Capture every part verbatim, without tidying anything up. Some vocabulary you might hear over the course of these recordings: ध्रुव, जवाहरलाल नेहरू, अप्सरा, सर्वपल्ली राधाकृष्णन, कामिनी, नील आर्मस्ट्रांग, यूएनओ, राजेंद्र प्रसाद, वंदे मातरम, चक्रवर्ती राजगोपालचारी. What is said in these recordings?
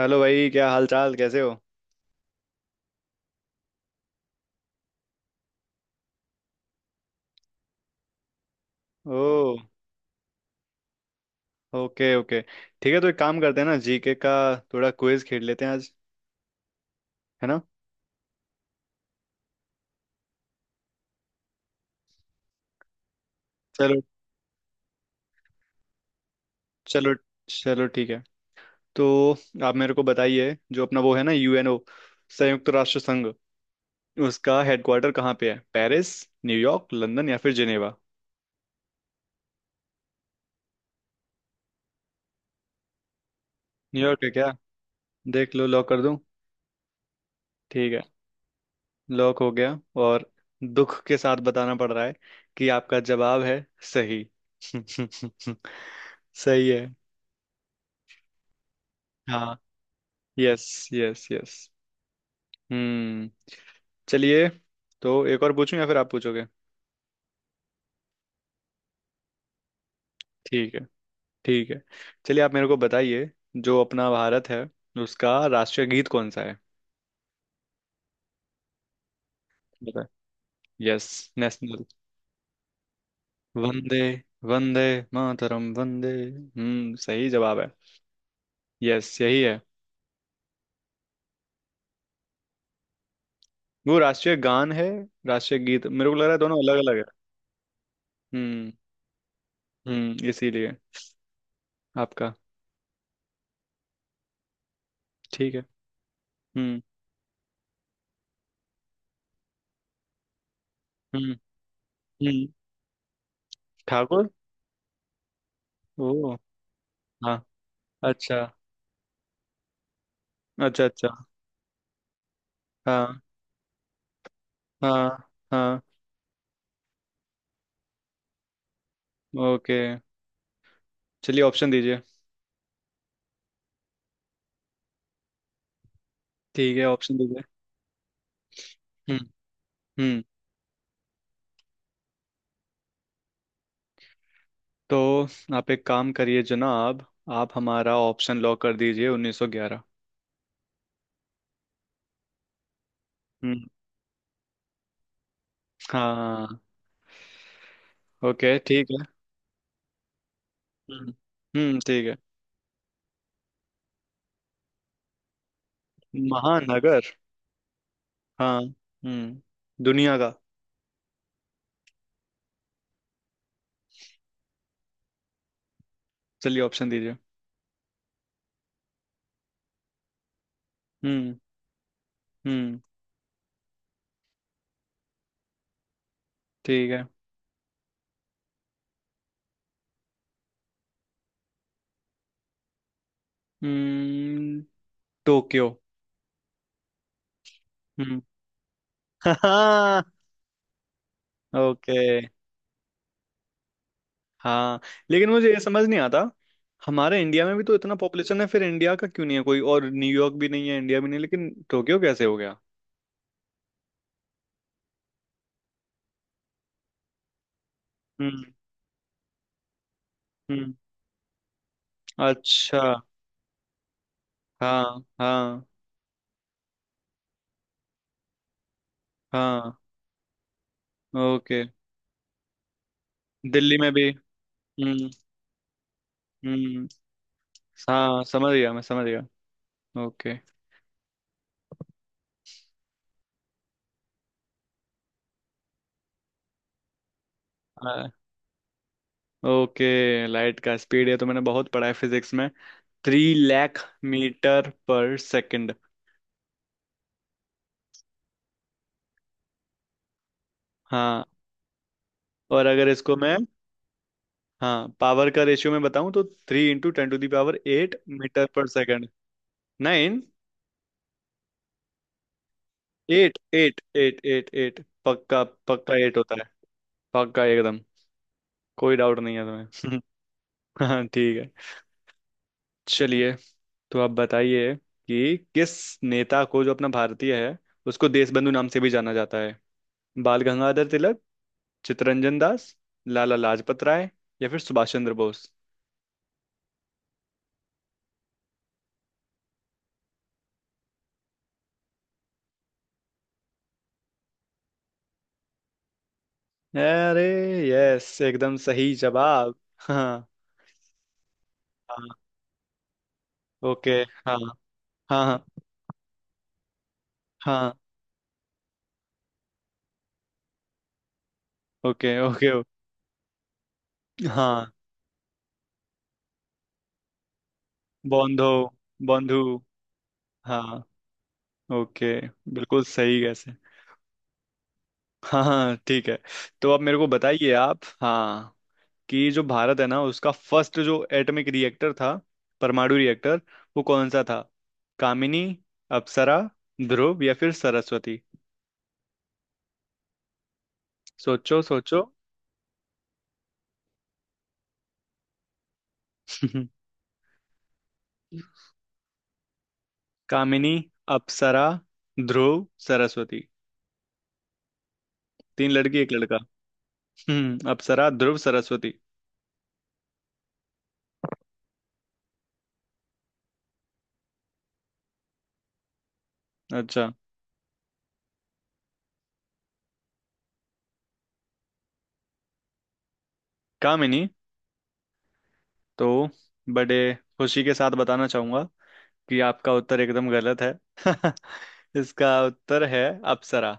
Hello भाई, क्या हाल चाल? कैसे हो? ओ। ओके ओके, ठीक है। तो एक काम करते हैं ना, जीके का थोड़ा क्विज खेल लेते हैं आज, है ना? चलो चलो चलो, ठीक है। तो आप मेरे को बताइए, जो अपना वो है ना, यूएनओ, संयुक्त राष्ट्र संघ, उसका हेडक्वार्टर कहाँ पे है? पेरिस, न्यूयॉर्क, लंदन या फिर जिनेवा? न्यूयॉर्क है क्या? देख लो, लॉक कर दूं? ठीक है, लॉक हो गया। और दुख के साथ बताना पड़ रहा है कि आपका जवाब है सही। सही है। हाँ। यस। Yes yes. हम्म। चलिए, तो एक और पूछूं या फिर आप पूछोगे? ठीक है ठीक है। चलिए, आप मेरे को बताइए, जो अपना भारत है, उसका राष्ट्रीय गीत कौन सा है? बताए। यस। नेशनल। वंदे, वंदे मातरम, वंदे। हम्म, सही जवाब है। यस, यही है। वो राष्ट्रीय गान है, राष्ट्रीय गीत मेरे को लग रहा है दोनों अलग अलग है। हम्म। हम्म, इसीलिए। आपका। ठीक है। हम्म। हम्म। हम्म। ठाकुर। ओ। हाँ। अच्छा। अच्छा अच्छा। हाँ हाँ हाँ। ओके। चलिए, ऑप्शन दीजिए। ठीक है, ऑप्शन दीजिए। हम्म। हम्म। तो आप एक काम करिए जनाब, आप हमारा ऑप्शन लॉक कर दीजिए उन्नीस सौ ग्यारह। हम्म। हाँ। ओके ठीक है। हम्म। हम्म, ठीक है। महानगर। हाँ, हम्म, दुनिया का। चलिए, ऑप्शन दीजिए। हम्म। हम्म। ठीक है। हम्म, टोक्यो। हम्म। ओके। हाँ। लेकिन मुझे ये समझ नहीं आता, हमारे इंडिया में भी तो इतना पॉपुलेशन है, फिर इंडिया का क्यों नहीं है? कोई और न्यूयॉर्क भी नहीं है, इंडिया भी नहीं है, लेकिन टोक्यो कैसे हो गया? हम्म। हम्म। अच्छा। हाँ हाँ। हाँ। ओके। दिल्ली में भी। हम्म। हम्म। हाँ समझ गया, मैं समझ गया। ओके। आ, ओके, लाइट का स्पीड है तो मैंने बहुत पढ़ा है फिजिक्स में। थ्री लाख मीटर पर सेकंड। हाँ। और अगर इसको मैं, हाँ, पावर का रेशियो मैं बताऊं तो three into ten to the power eight metre पर second. Nine. Eight eight eight eight eight पक्का। पक्का एट होता है। पक्का एकदम। कोई डाउट नहीं है तुम्हें। हाँ ठीक है। चलिए, तो आप बताइए कि किस नेता को, जो अपना भारतीय है, उसको देशबंधु नाम से भी जाना जाता है? बाल गंगाधर तिलक, चित्तरंजन दास, लाला लाजपत राय या फिर सुभाष चंद्र बोस? अरे, यस एकदम सही जवाब। हाँ। हाँ। ओके। हाँ हाँ। हाँ। हाँ। Okay okay. हाँ। बंधो। बंधु। हाँ। ओके। बिल्कुल सही गैस है। हाँ हाँ, ठीक है। तो अब मेरे को बताइए, आप, हाँ, कि जो भारत है ना, उसका फर्स्ट जो एटॉमिक रिएक्टर था, परमाणु रिएक्टर, वो कौन सा था? कामिनी, अप्सरा, ध्रुव या फिर सरस्वती? सोचो सोचो। कामिनी। अप्सरा, ध्रुव, सरस्वती। तीन लड़की एक लड़का। हम्म, अप्सरा, ध्रुव, सरस्वती। अच्छा। काम ही नहीं। तो बड़े खुशी के साथ बताना चाहूंगा कि आपका उत्तर एकदम गलत है। इसका उत्तर है अप्सरा।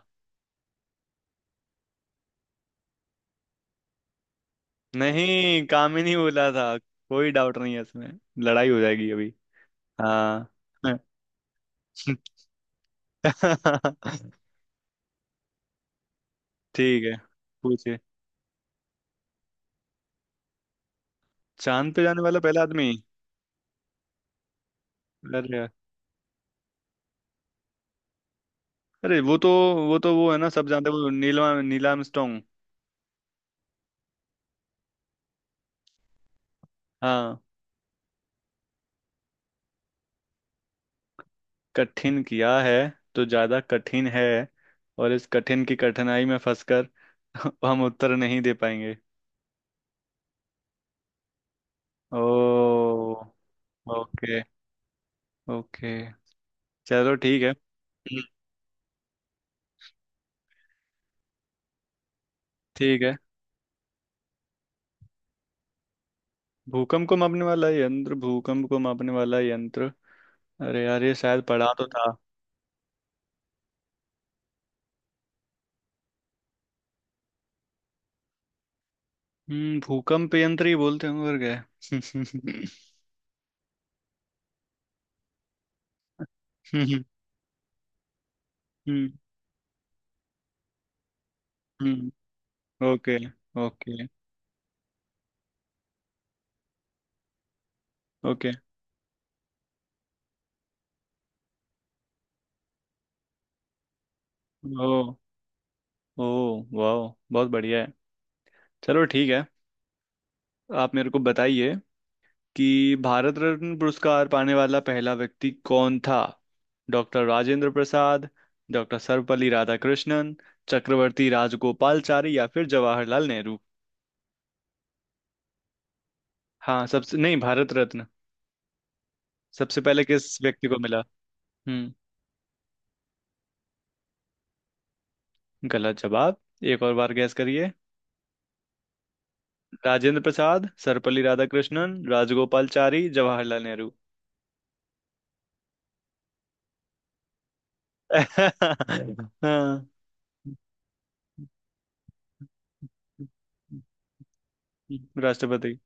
नहीं, कामिनी बोला था। कोई डाउट नहीं है इसमें, लड़ाई हो जाएगी अभी। हाँ। ठीक है। पूछिए, चांद पे जाने वाला पहला आदमी। अरे। अरे, वो तो वो तो वो है ना, सब जानते हैं वो, नीलम नील आर्मस्ट्रांग। हाँ। कठिन किया है तो ज्यादा कठिन है, और इस कठिन की कठिनाई में फंसकर हम उत्तर नहीं दे पाएंगे। ओ। ओके। ओके। चलो ठीक है। हम्म, ठीक है। भूकंप को मापने वाला यंत्र, भूकंप को मापने वाला यंत्र। अरे यार, ये शायद पढ़ा तो था। हम्म, भूकंप यंत्र ही बोलते हैं, मगर गए। हम्म। हम्म। Okay okay. ओके। ओ। ओ, वाह, बहुत बढ़िया है। चलो ठीक है। आप मेरे को बताइए कि भारत रत्न पुरस्कार पाने वाला पहला व्यक्ति कौन था? डॉक्टर राजेंद्र प्रसाद, डॉक्टर सर्वपल्ली राधाकृष्णन, चक्रवर्ती राजगोपालचारी या फिर जवाहरलाल नेहरू? हाँ, सबसे नहीं, भारत रत्न, सबसे पहले किस व्यक्ति को मिला? हम्म। गलत जवाब, एक और बार गैस करिए। राजेंद्र प्रसाद, सर्वपल्ली राधाकृष्णन, राजगोपालचारी, जवाहरलाल नेहरू। हाँ। राष्ट्रपति।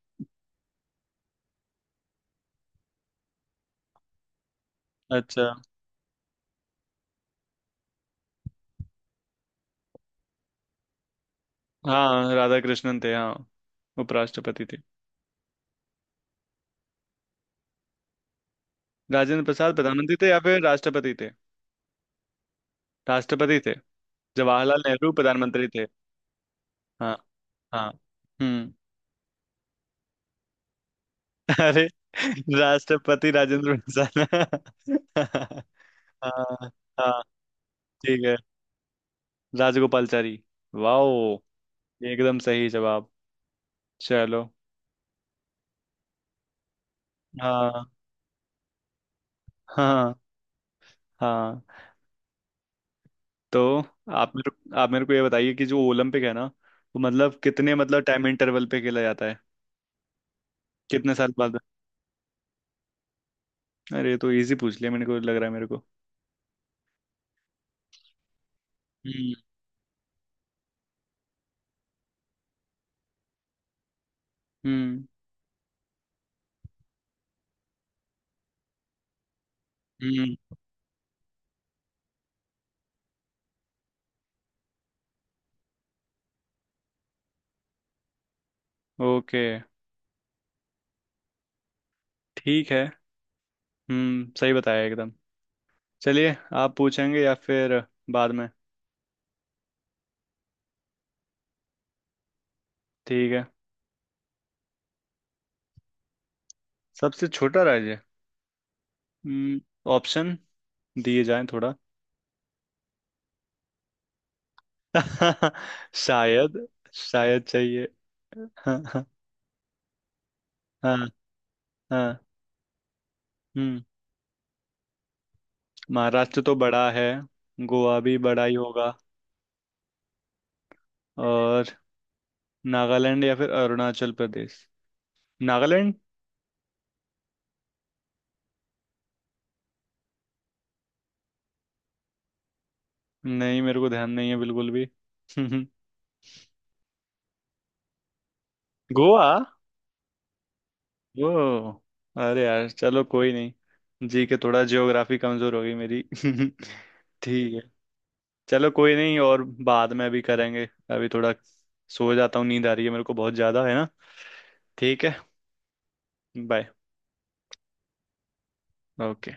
अच्छा। हाँ, राधा कृष्णन थे, हाँ, उपराष्ट्रपति थे। राजेंद्र प्रसाद प्रधानमंत्री थे या फिर राष्ट्रपति थे? राष्ट्रपति थे, जवाहरलाल नेहरू प्रधानमंत्री थे। हाँ हाँ। हम्म। अरे, राष्ट्रपति राजेंद्र प्रसाद। हाँ। हाँ। ठीक है। राजगोपालचारी। वाओ, एकदम सही जवाब। चलो। हाँ हाँ हाँ। तो आप मेरे आप मेरे को ये बताइए कि जो ओलंपिक है ना, वो मतलब कितने, मतलब टाइम इंटरवल पे खेला जाता है, कितने साल बाद? अरे, ये तो इजी पूछ लिया, मैंने को लग रहा है मेरे को। हम्म। हम्म। हम्म। ओके। ठीक है। हम्म, सही बताया एकदम। चलिए, आप पूछेंगे या फिर बाद में? ठीक है। सबसे छोटा राज्य। हम्म। ऑप्शन दिए जाएं थोड़ा। शायद, शायद चाहिए। हाँ हाँ। हाँ। हाँ, हम्म। महाराष्ट्र तो बड़ा है। गोवा भी बड़ा ही होगा। और नागालैंड या फिर अरुणाचल प्रदेश? नागालैंड। नहीं, मेरे को ध्यान नहीं है बिल्कुल भी। गोवा। वो। अरे यार, चलो कोई नहीं, जी के थोड़ा ज्योग्राफी कमजोर हो गई मेरी। ठीक है, चलो कोई नहीं, और बाद में अभी करेंगे। अभी थोड़ा सो जाता हूँ, नींद आ रही है मेरे को बहुत ज्यादा, है ना? ठीक है। बाय। ओके।